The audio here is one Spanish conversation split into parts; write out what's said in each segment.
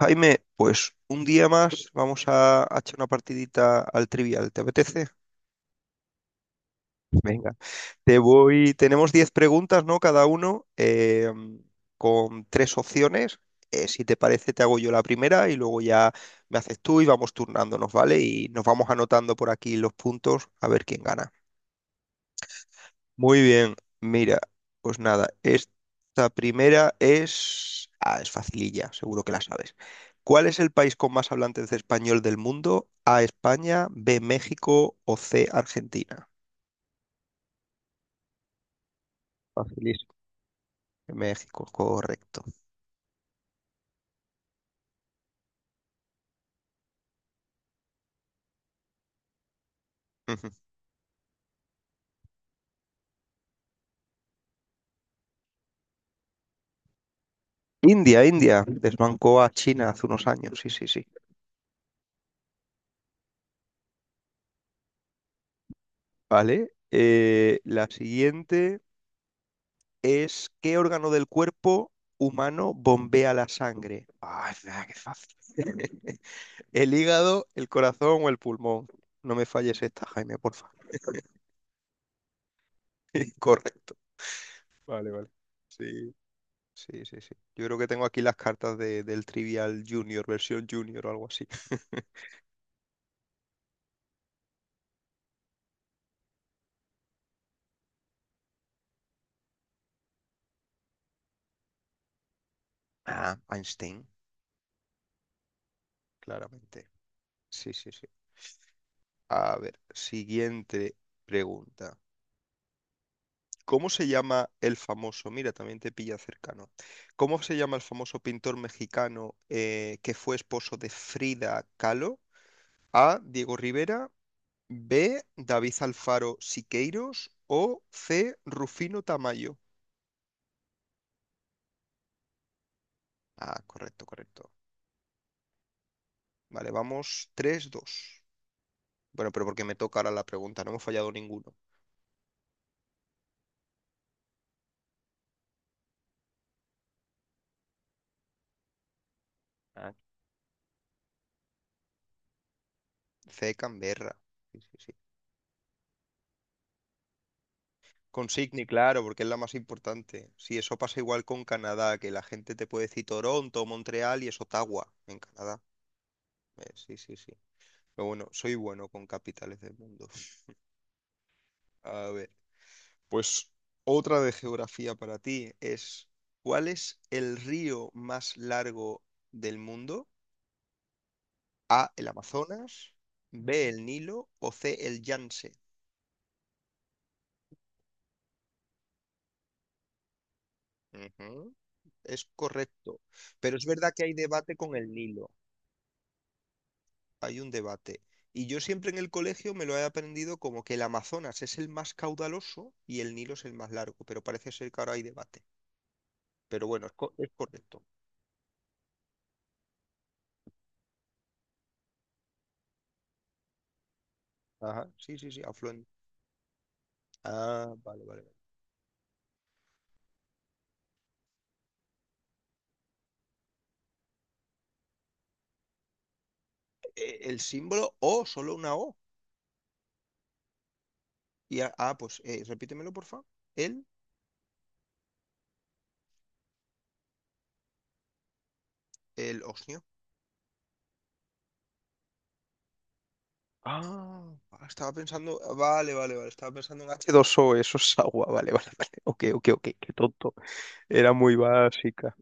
Jaime, pues un día más vamos a echar una partidita al trivial, ¿te apetece? Venga, te voy, tenemos 10 preguntas, ¿no? Cada uno con 3 opciones. Si te parece, te hago yo la primera y luego ya me haces tú y vamos turnándonos, ¿vale? Y nos vamos anotando por aquí los puntos a ver quién gana. Muy bien, mira, pues nada, esta primera es... Ah, es facililla, seguro que la sabes. ¿Cuál es el país con más hablantes de español del mundo? A, España, B, México o C, Argentina. Facilísimo. México, correcto. Ujú. India, India, desbancó a China hace unos años, sí, sí, sí. Vale, la siguiente es ¿qué órgano del cuerpo humano bombea la sangre? Ah, es verdad, qué fácil. El hígado, el corazón o el pulmón. No me falles esta, Jaime, por favor. Correcto. Vale, vale. Sí, sí, sí, sí. Yo creo que tengo aquí las cartas del Trivial Junior, versión Junior o algo así. Ah, Einstein, claramente. Sí, sí, sí. A ver, siguiente pregunta. ¿Cómo se llama el famoso? Mira, también te pilla cercano. ¿Cómo se llama el famoso pintor mexicano que fue esposo de Frida Kahlo? A, Diego Rivera. B, David Alfaro Siqueiros o C, Rufino Tamayo. Ah, correcto, correcto. Vale, vamos tres, dos. Bueno, pero porque me toca ahora la pregunta, no hemos fallado ninguno. Ah, C, Canberra. Sí, sí, sí. Con Sydney, claro, porque es la más importante. Sí, eso pasa igual con Canadá, que la gente te puede decir Toronto, Montreal y es Ottawa en Canadá. Sí, sí, sí. Pero bueno, soy bueno con capitales del mundo. A ver. Pues otra de geografía para ti es, ¿cuál es el río más largo del mundo? A, el Amazonas, B, el Nilo o C, el Yangtze. Ujú. Es correcto, pero es verdad que hay debate con el Nilo, hay un debate. Y yo siempre en el colegio me lo he aprendido como que el Amazonas es el más caudaloso y el Nilo es el más largo, pero parece ser que ahora hay debate. Pero bueno, es, es correcto. Ajá, sí, sí, sí, afluente. Ah, vale, vale. El símbolo O, solo una O. Y ah, pues repítemelo, porfa. El, el osnio. Ah, ah, estaba pensando. Ah, vale, vale, vale. Estaba pensando en H2O, eso es agua. Vale, vale, vale. Ok, ok, ok, qué tonto. Era muy básica.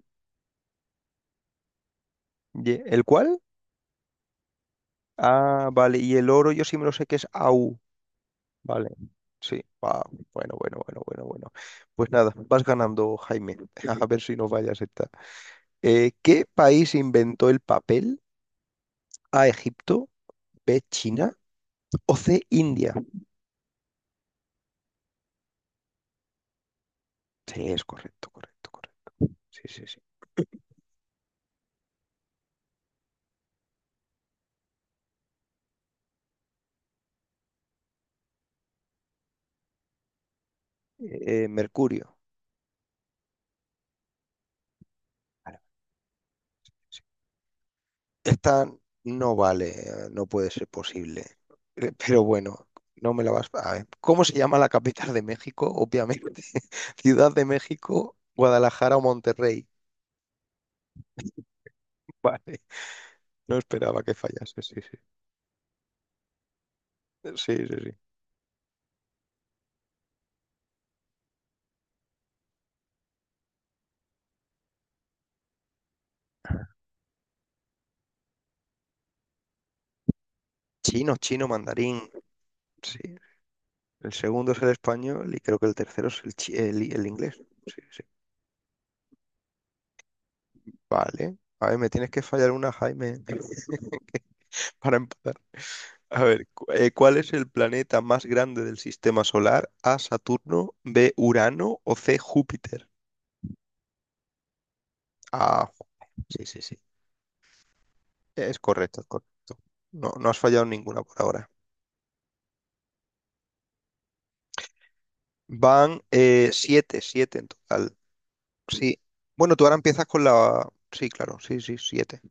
¿El cuál? Ah, vale. Y el oro yo sí me lo sé que es AU. Vale. Sí. Ah, bueno, bueno, bueno, bueno, bueno. Pues nada, vas ganando, Jaime. A ver si nos vayas esta. ¿Qué país inventó el papel? A, Egipto. B, China. O C, India. Sí, es correcto, correcto, correcto. Sí, sí, sí. Mercurio. Vale, vale, sí. Esta no vale, no puede ser posible. Pero bueno, no me la vas a ver. ¿Cómo se llama la capital de México? Obviamente. Ciudad de México, Guadalajara o Monterrey. Vale. No esperaba que fallase. Sí, sí. Sí, sí, sí. Chino, chino, mandarín. Sí. El segundo es el español y creo que el tercero es el inglés. Sí, sí. Vale. A ver, me tienes que fallar una, Jaime, para empatar. A ver, ¿cuál es el planeta más grande del sistema solar? A, Saturno, B, Urano o C, Júpiter. Ah, jo- sí, sí, sí. Es correcto, es correcto. No, no has fallado ninguna por ahora. Van siete, siete en total. Sí. Bueno, tú ahora empiezas con la... Sí, claro, sí, sí, siete.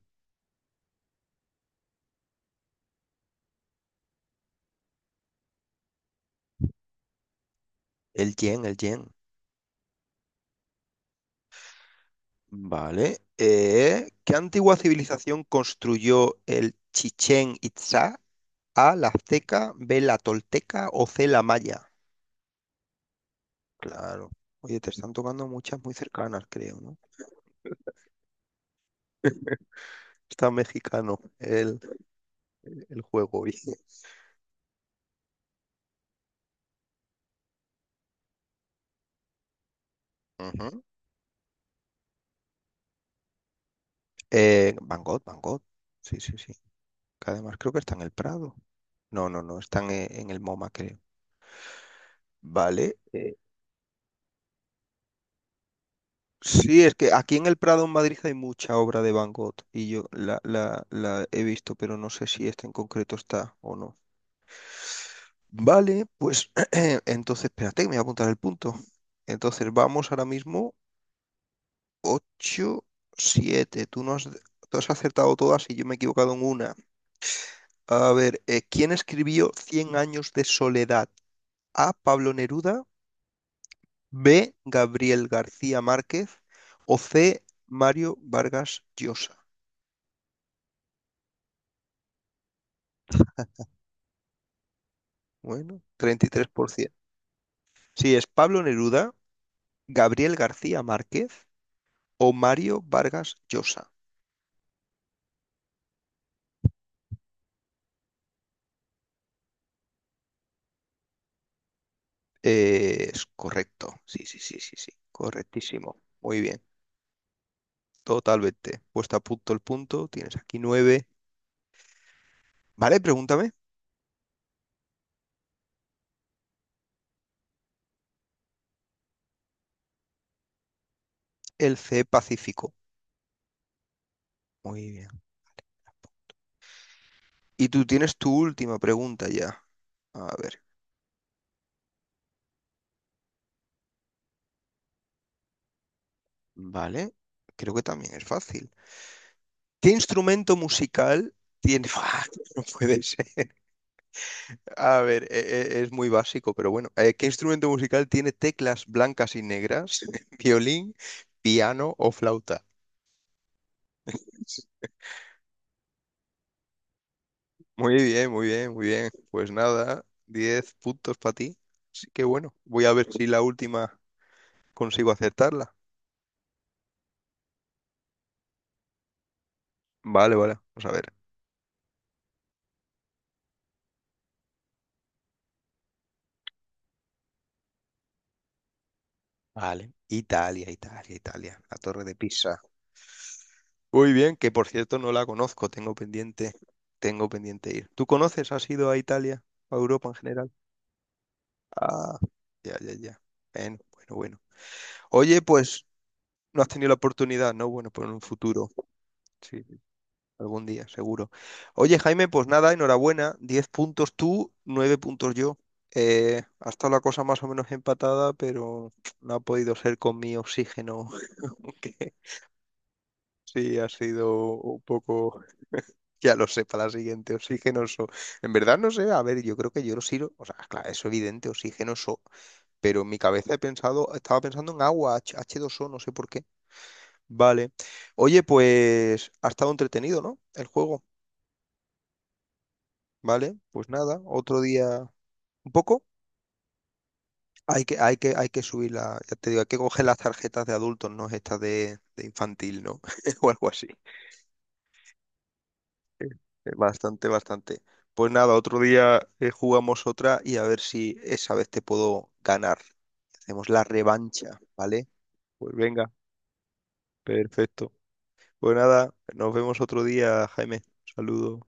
El yen, el yen. Vale. ¿Qué antigua civilización construyó el Chichén Itzá? A, la azteca, B, la tolteca o C, la maya. Claro. Oye, te están tocando muchas muy cercanas, creo, ¿no? Está mexicano el juego. Oye. Ujú. Van Gogh, Van Gogh. Sí, sí, sí. Que además creo que está en el Prado. No, no, no, están en el MoMA, creo. Vale. Sí, es que aquí en el Prado, en Madrid, hay mucha obra de Van Gogh y yo la he visto, pero no sé si esta en concreto está o no. Vale, pues entonces, espérate, que me voy a apuntar el punto. Entonces, vamos ahora mismo ocho 7. Tú, no has, tú has acertado todas y yo me he equivocado en una. A ver, ¿quién escribió Cien años de soledad? A, Pablo Neruda. B, Gabriel García Márquez. O C, Mario Vargas Llosa. Bueno, 33%. Sí, es Pablo Neruda, Gabriel García Márquez o Mario Vargas Llosa. Es correcto. Sí, sí, sí, sí, sí. Correctísimo. Muy bien. Totalmente. Puesta a punto el punto. Tienes aquí 9. Vale, pregúntame. El C Pacífico. Muy bien. Y tú tienes tu última pregunta ya. A ver, vale. Creo que también es fácil. ¿Qué instrumento musical tiene... ¡Ah! No puede ser. A ver, es muy básico, pero bueno. ¿Qué instrumento musical tiene teclas blancas y negras? ¿Violín, piano o flauta? Muy bien, muy bien, muy bien. Pues nada, 10 puntos para ti. Así que bueno, voy a ver si la última consigo acertarla. Vale, vale, vamos a ver. Vale. Italia, Italia, Italia. La Torre de Pisa. Muy bien, que por cierto no la conozco, tengo pendiente ir. ¿Tú conoces? ¿Has ido a Italia, a Europa en general? Ah, ya, ya, ya. Bueno, bueno, bueno. Oye, pues no has tenido la oportunidad, ¿no? Bueno, pues en un futuro, sí, algún día, seguro. Oye, Jaime, pues nada, enhorabuena. 10 puntos tú, 9 puntos yo. Ha estado la cosa más o menos empatada, pero no ha podido ser con mi oxígeno. Sí, ha sido un poco, ya lo sé, para la siguiente, oxigenoso. En verdad no sé, a ver, yo creo que yo lo sirvo, o sea, claro, es evidente, oxigenoso, pero en mi cabeza he pensado, estaba pensando en agua, H2O, no sé por qué. Vale. Oye, pues ha estado entretenido, ¿no? El juego, ¿vale? Pues nada, otro día, un poco, hay que subir la, ya te digo, hay que coger las tarjetas de adultos, no estas de infantil, ¿no? O algo así. Bastante, bastante. Pues nada, otro día jugamos otra y a ver si esa vez te puedo ganar. Hacemos la revancha, ¿vale? Pues venga, perfecto. Pues nada, nos vemos otro día, Jaime. Saludos.